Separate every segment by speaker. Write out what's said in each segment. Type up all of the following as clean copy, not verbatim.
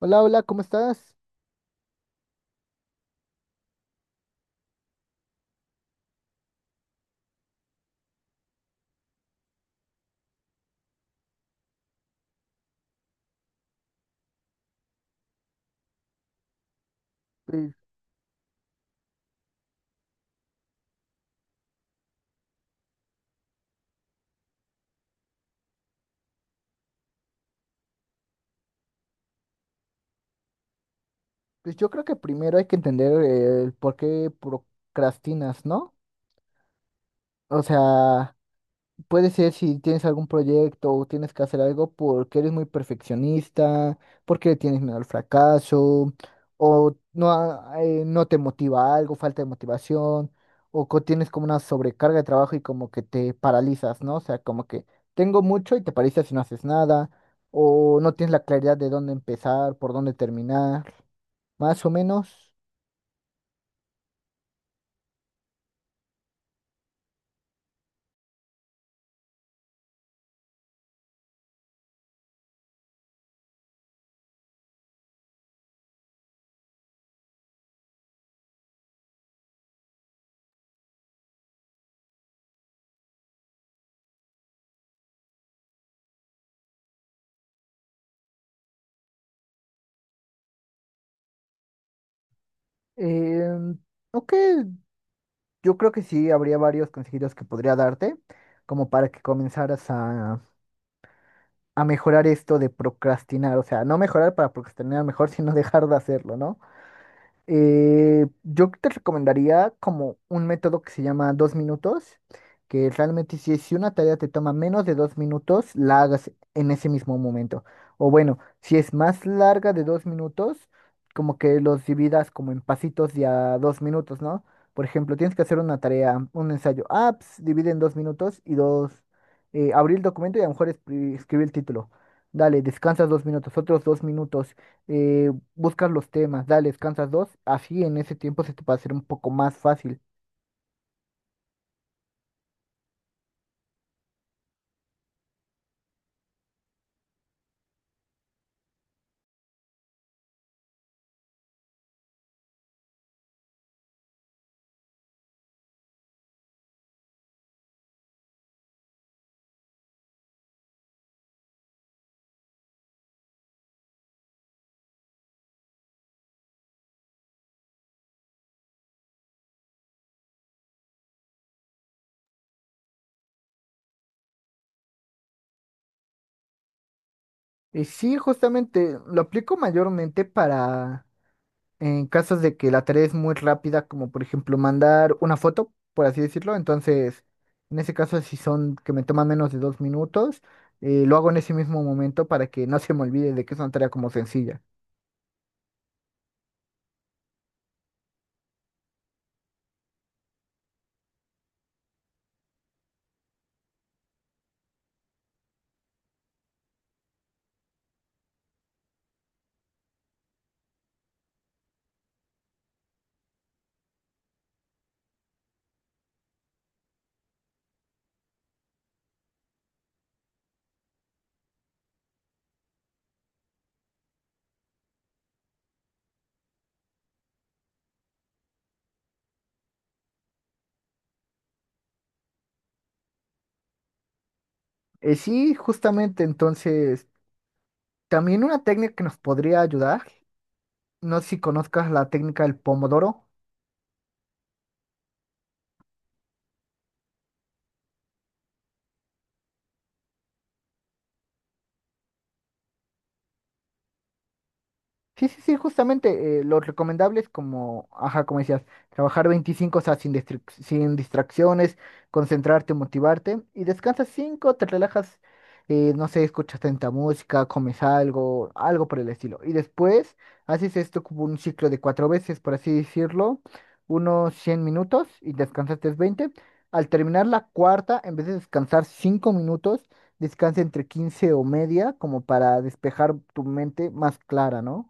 Speaker 1: Hola, hola, ¿cómo estás? Pues, pues, yo creo que primero hay que entender el por qué procrastinas, ¿no? O sea, puede ser si tienes algún proyecto o tienes que hacer algo porque eres muy perfeccionista, porque le tienes miedo al fracaso, o no, no te motiva algo, falta de motivación, o tienes como una sobrecarga de trabajo y como que te paralizas, ¿no? O sea, como que tengo mucho y te paralizas y no haces nada, o no tienes la claridad de dónde empezar, por dónde terminar. Más o menos. eh, ok, yo creo que sí, habría varios consejitos que podría darte, como para que comenzaras a mejorar esto de procrastinar. O sea, no mejorar para procrastinar mejor, sino dejar de hacerlo, ¿no? Yo te recomendaría como un método que se llama 2 minutos, que realmente si una tarea te toma menos de 2 minutos, la hagas en ese mismo momento. O bueno, si es más larga de 2 minutos, como que los dividas como en pasitos de a 2 minutos, ¿no? Por ejemplo, tienes que hacer una tarea, un ensayo. Ah, pues, divide en 2 minutos y dos, abrir el documento y a lo mejor escribir el título. Dale, descansas 2 minutos, otros 2 minutos. Eh, Buscas los temas, dale, descansas dos, así en ese tiempo se te va a hacer un poco más fácil. Y sí, justamente lo aplico mayormente para en casos de que la tarea es muy rápida, como por ejemplo mandar una foto, por así decirlo. Entonces, en ese caso, si son que me toman menos de 2 minutos, lo hago en ese mismo momento para que no se me olvide de que es una tarea como sencilla. Sí, justamente, entonces, también una técnica que nos podría ayudar, no sé si conozcas la técnica del pomodoro. Sí, sí, sí, justamente lo recomendable es como, ajá, como decías, trabajar 25, o sea, sin distracciones, concentrarte, motivarte y descansas 5, te relajas, no sé, escuchas tanta música, comes algo, algo por el estilo. Y después haces esto como un ciclo de cuatro veces, por así decirlo, unos 100 minutos y descansaste 20. Al terminar la cuarta, en vez de descansar 5 minutos, descansa entre 15 o media como para despejar tu mente más clara, ¿no?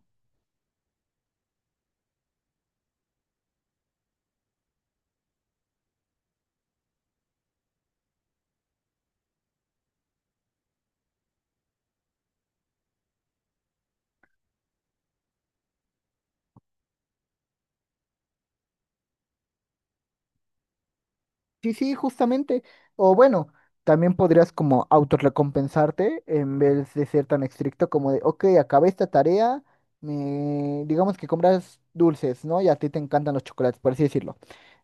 Speaker 1: Sí, sí, justamente. O bueno, también podrías como autorrecompensarte en vez de ser tan estricto como de, ok, acabé esta tarea, digamos que compras dulces, ¿no? Y a ti te encantan los chocolates, por así decirlo.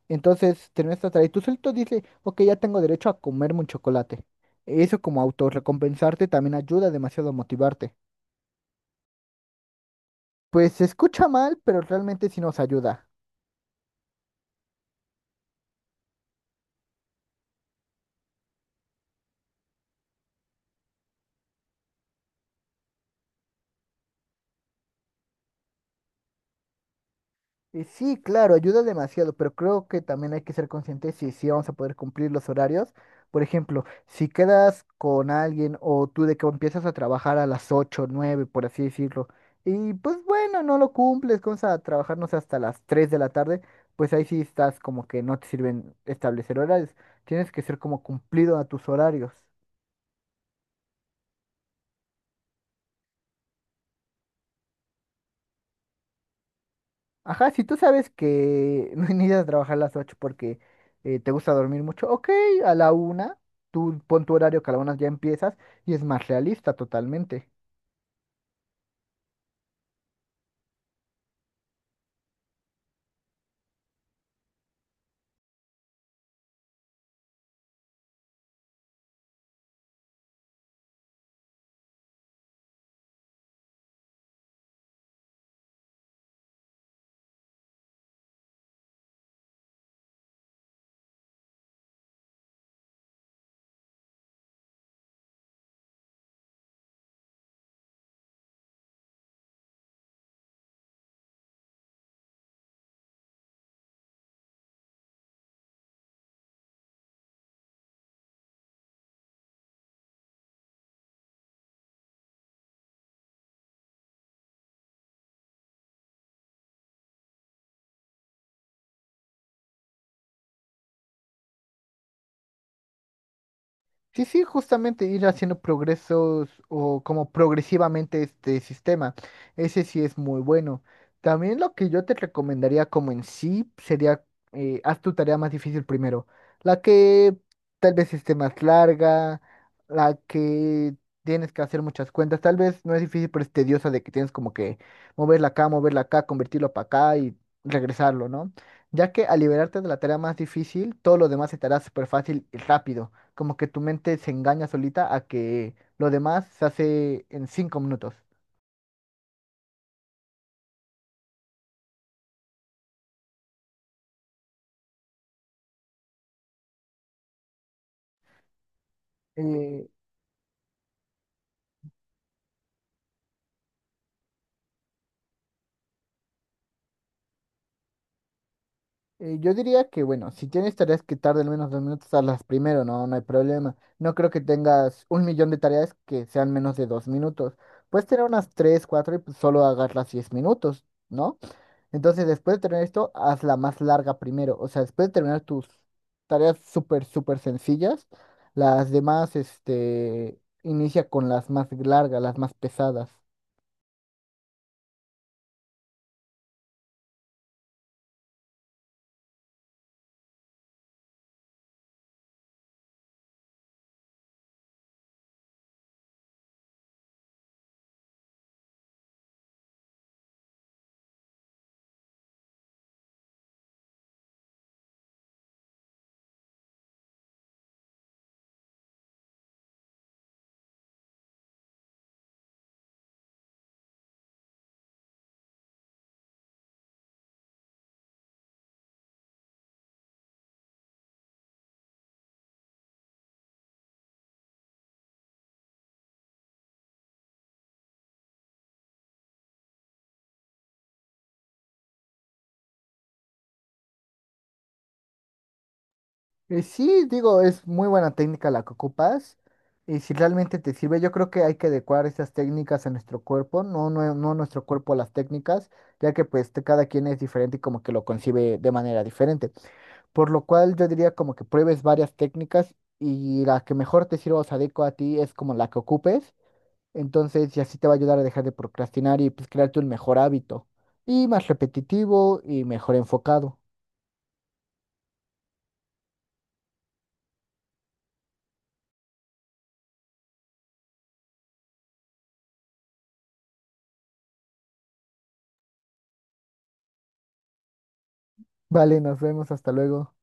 Speaker 1: Entonces, terminas esta tarea y tú solito dices, ok, ya tengo derecho a comerme un chocolate. Eso como autorrecompensarte también ayuda demasiado a motivarte. Pues se escucha mal, pero realmente sí nos ayuda. Y sí, claro, ayuda demasiado, pero creo que también hay que ser conscientes si vamos a poder cumplir los horarios. Por ejemplo, si quedas con alguien o tú de que empiezas a trabajar a las 8, 9, por así decirlo, y pues bueno, no lo cumples, comienzas a trabajar, no sé, hasta las 3 de la tarde, pues ahí sí estás como que no te sirven establecer horarios. Tienes que ser como cumplido a tus horarios. Ajá, si tú sabes que no necesitas trabajar a las 8 porque te gusta dormir mucho, ok, a la una, tú pon tu horario que a la una ya empiezas y es más realista totalmente. Sí, sí, justamente ir haciendo progresos o como progresivamente este sistema. Ese sí es muy bueno. También lo que yo te recomendaría como en sí sería, haz tu tarea más difícil primero. La que tal vez esté más larga, la que tienes que hacer muchas cuentas. Tal vez no es difícil, pero es tediosa de que tienes como que moverla acá, convertirlo para acá y regresarlo, ¿no? Ya que al liberarte de la tarea más difícil, todo lo demás se te estará súper fácil y rápido como que tu mente se engaña solita a que lo demás se hace en 5 minutos. Eh, yo diría que, bueno, si tienes tareas que tarden menos de 2 minutos, hazlas primero, no, no hay problema. No creo que tengas un millón de tareas que sean menos de 2 minutos. Puedes tener unas tres, cuatro y pues, solo hagas las 10 minutos, ¿no? Entonces, después de tener esto, haz la más larga primero. O sea, después de terminar tus tareas súper, súper sencillas, las demás, este, inicia con las más largas, las más pesadas. Sí, digo, es muy buena técnica la que ocupas y si realmente te sirve, yo creo que hay que adecuar esas técnicas a nuestro cuerpo, no, no, no nuestro cuerpo a las técnicas, ya que pues cada quien es diferente y como que lo concibe de manera diferente. Por lo cual yo diría como que pruebes varias técnicas y la que mejor te sirva o se adecua a ti es como la que ocupes. Entonces, y así te va a ayudar a dejar de procrastinar y pues crearte un mejor hábito. Y más repetitivo y mejor enfocado. Vale, nos vemos, hasta luego.